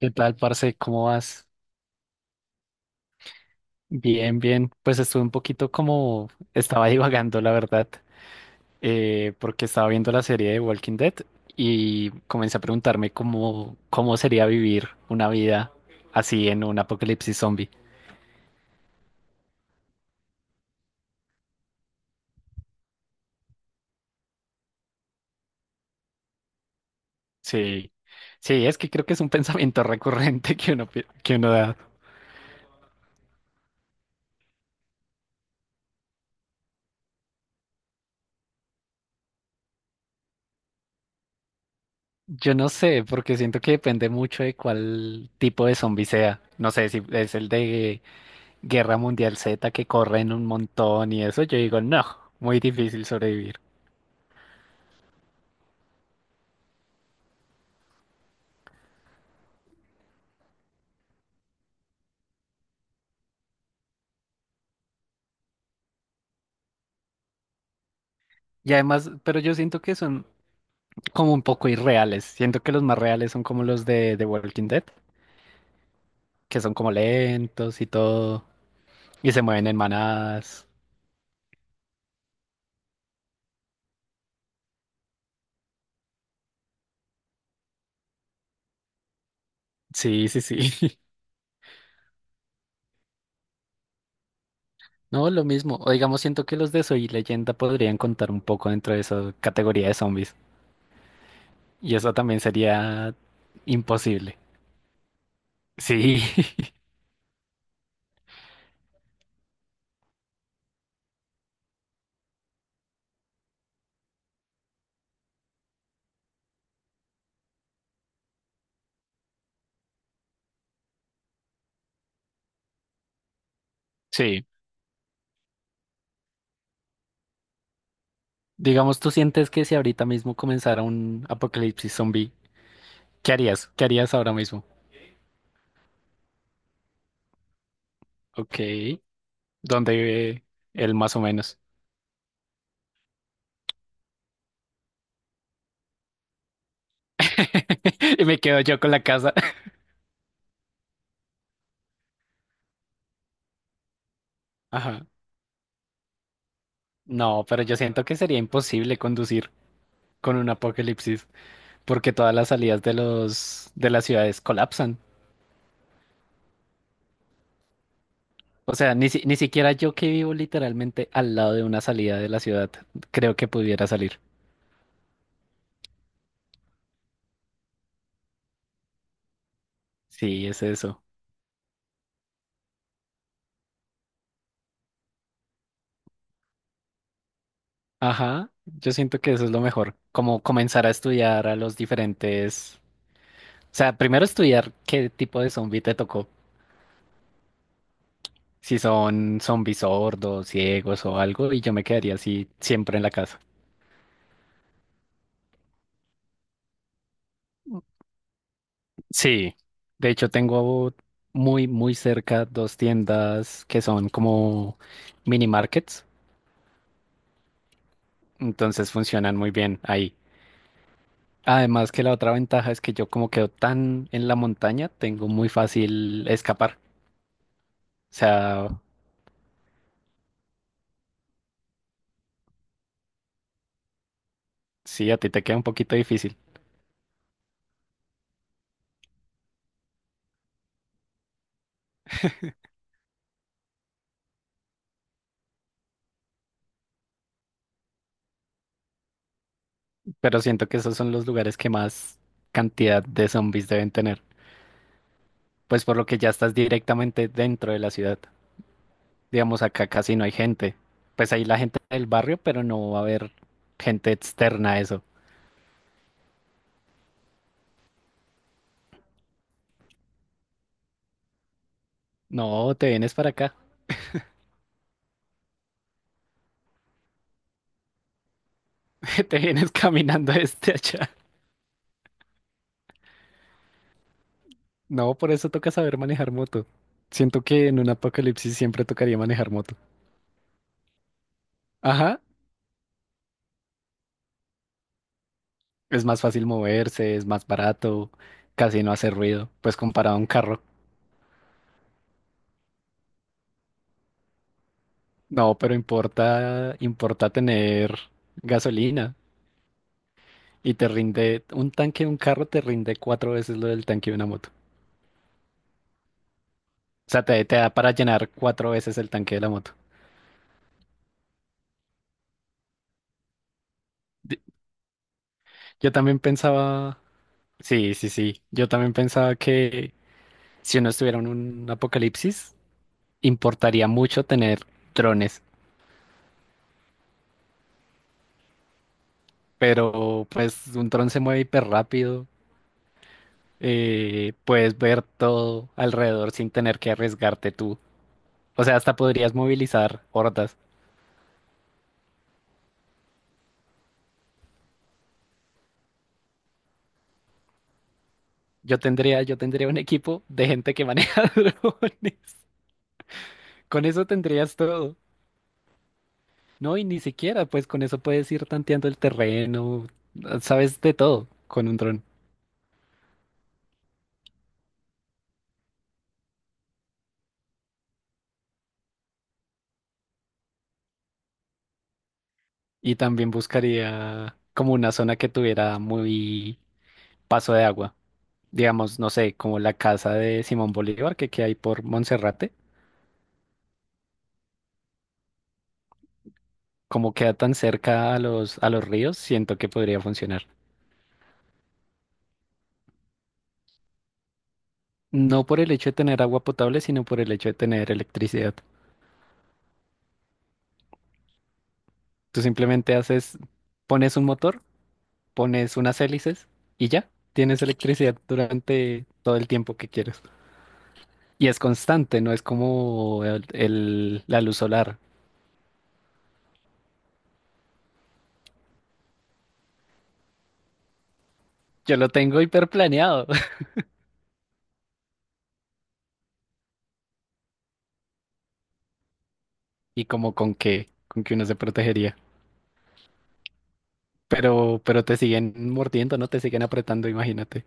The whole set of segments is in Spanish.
¿Qué tal, parce? ¿Cómo vas? Bien, bien. Pues estuve un poquito como estaba divagando, la verdad, porque estaba viendo la serie de Walking Dead y comencé a preguntarme cómo sería vivir una vida así en un apocalipsis zombie. Sí, sí, es que creo que es un pensamiento recurrente que uno da. Yo no sé, porque siento que depende mucho de cuál tipo de zombie sea. No sé si es el de Guerra Mundial Z que corren un montón y eso, yo digo, no, muy difícil sobrevivir. Y además, pero yo siento que son como un poco irreales. Siento que los más reales son como los de The Walking Dead, que son como lentos y todo, y se mueven en manadas. Sí, sí, sí. No, lo mismo. O digamos, siento que los de Soy Leyenda podrían contar un poco dentro de esa categoría de zombies. Y eso también sería imposible. Sí, sí. Digamos, tú sientes que si ahorita mismo comenzara un apocalipsis zombie, ¿qué harías? ¿Qué harías ahora mismo? Ok, ¿dónde vive él más o menos? Y me quedo yo con la casa. Ajá. No, pero yo siento que sería imposible conducir con un apocalipsis, porque todas las salidas de las ciudades colapsan. O sea, ni siquiera yo que vivo literalmente al lado de una salida de la ciudad, creo que pudiera salir. Sí, es eso. Ajá, yo siento que eso es lo mejor, como comenzar a estudiar a los diferentes, o sea, primero estudiar qué tipo de zombie te tocó, si son zombies sordos, ciegos o algo, y yo me quedaría así siempre en la casa. Sí, de hecho tengo muy, muy cerca dos tiendas que son como mini markets, entonces funcionan muy bien ahí. Además que la otra ventaja es que yo como quedo tan en la montaña, tengo muy fácil escapar. O sea, sí, a ti te queda un poquito difícil, pero siento que esos son los lugares que más cantidad de zombies deben tener, pues por lo que ya estás directamente dentro de la ciudad. Digamos, acá casi no hay gente. Pues ahí la gente del barrio, pero no va a haber gente externa a eso. No, te vienes para acá, te vienes caminando desde allá. No, por eso toca saber manejar moto. Siento que en un apocalipsis siempre tocaría manejar moto. Ajá, es más fácil moverse, es más barato, casi no hace ruido, pues comparado a un carro. No, pero importa, importa tener gasolina y te rinde, un tanque de un carro te rinde cuatro veces lo del tanque de una moto. O sea, te da para llenar cuatro veces el tanque de la moto. Di- Yo también pensaba, sí, sí, sí, yo también pensaba que si uno estuviera en un apocalipsis, importaría mucho tener drones, pero pues un dron se mueve hiper rápido, puedes ver todo alrededor sin tener que arriesgarte tú. O sea, hasta podrías movilizar hordas. Yo tendría un equipo de gente que maneja drones. Con eso tendrías todo. No, y ni siquiera, pues con eso puedes ir tanteando el terreno, sabes de todo con un dron. Y también buscaría como una zona que tuviera muy paso de agua. Digamos, no sé, como la casa de Simón Bolívar que queda ahí por Monserrate. Como queda tan cerca a los ríos, siento que podría funcionar. No por el hecho de tener agua potable, sino por el hecho de tener electricidad. Tú simplemente haces, pones un motor, pones unas hélices y ya, tienes electricidad durante todo el tiempo que quieres. Y es constante, no es como la luz solar. Yo lo tengo hiperplaneado y como con que uno se protegería. Pero te siguen mordiendo, ¿no? Te siguen apretando, imagínate.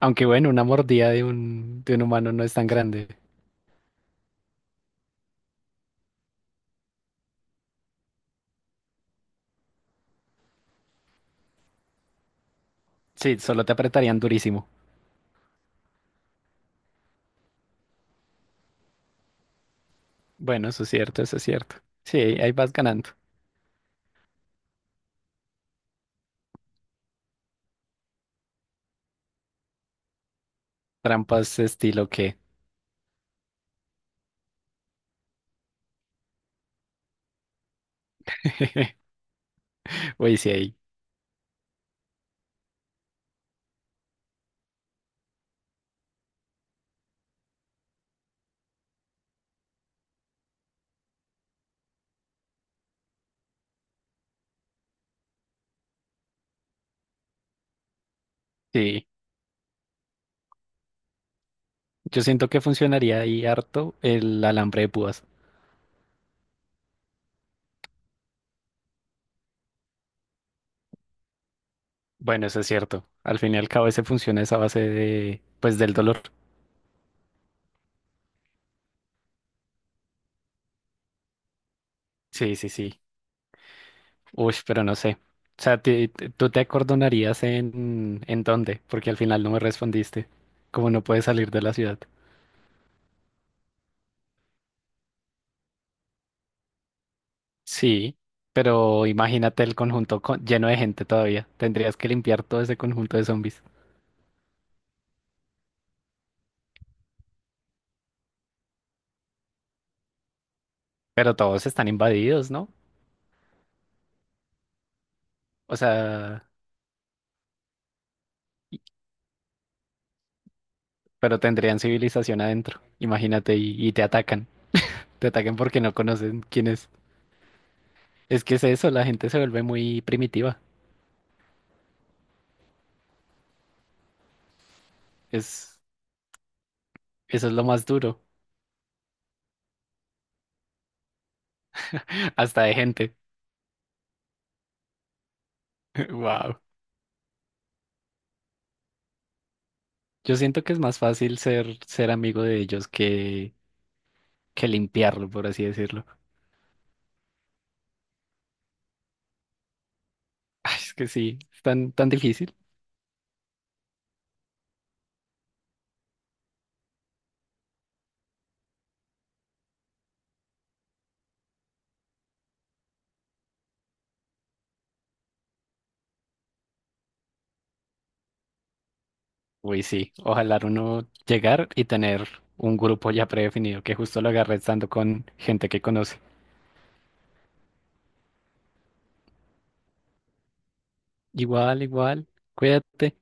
Aunque bueno, una mordida de un humano no es tan grande. Sí, solo te apretarían durísimo. Bueno, eso es cierto, eso es cierto. Sí, ahí vas ganando. Trampas estilo que. Uy, sí, ahí. Sí. Yo siento que funcionaría ahí harto el alambre de púas. Bueno, eso es cierto. Al fin y al cabo ese funciona esa base de, pues, del dolor. Sí, sí, sí. Uy, pero no sé. O sea, ¿tú te acordonarías en dónde? Porque al final no me respondiste. Como no puedes salir de la ciudad. Sí, pero imagínate el lleno de gente todavía. Tendrías que limpiar todo ese conjunto de zombies. Pero todos están invadidos, ¿no? O sea... pero tendrían civilización adentro. Imagínate, y te atacan. Te atacan porque no conocen quién es. Es que es eso, la gente se vuelve muy primitiva. Es, Eso es lo más duro, hasta de gente. Wow. Yo siento que es más fácil ser amigo de ellos que limpiarlo, por así decirlo. Ay, es que sí, es tan, tan difícil. Uy, sí, ojalá uno llegar y tener un grupo ya predefinido que justo lo agarre estando con gente que conoce. Igual, igual, cuídate.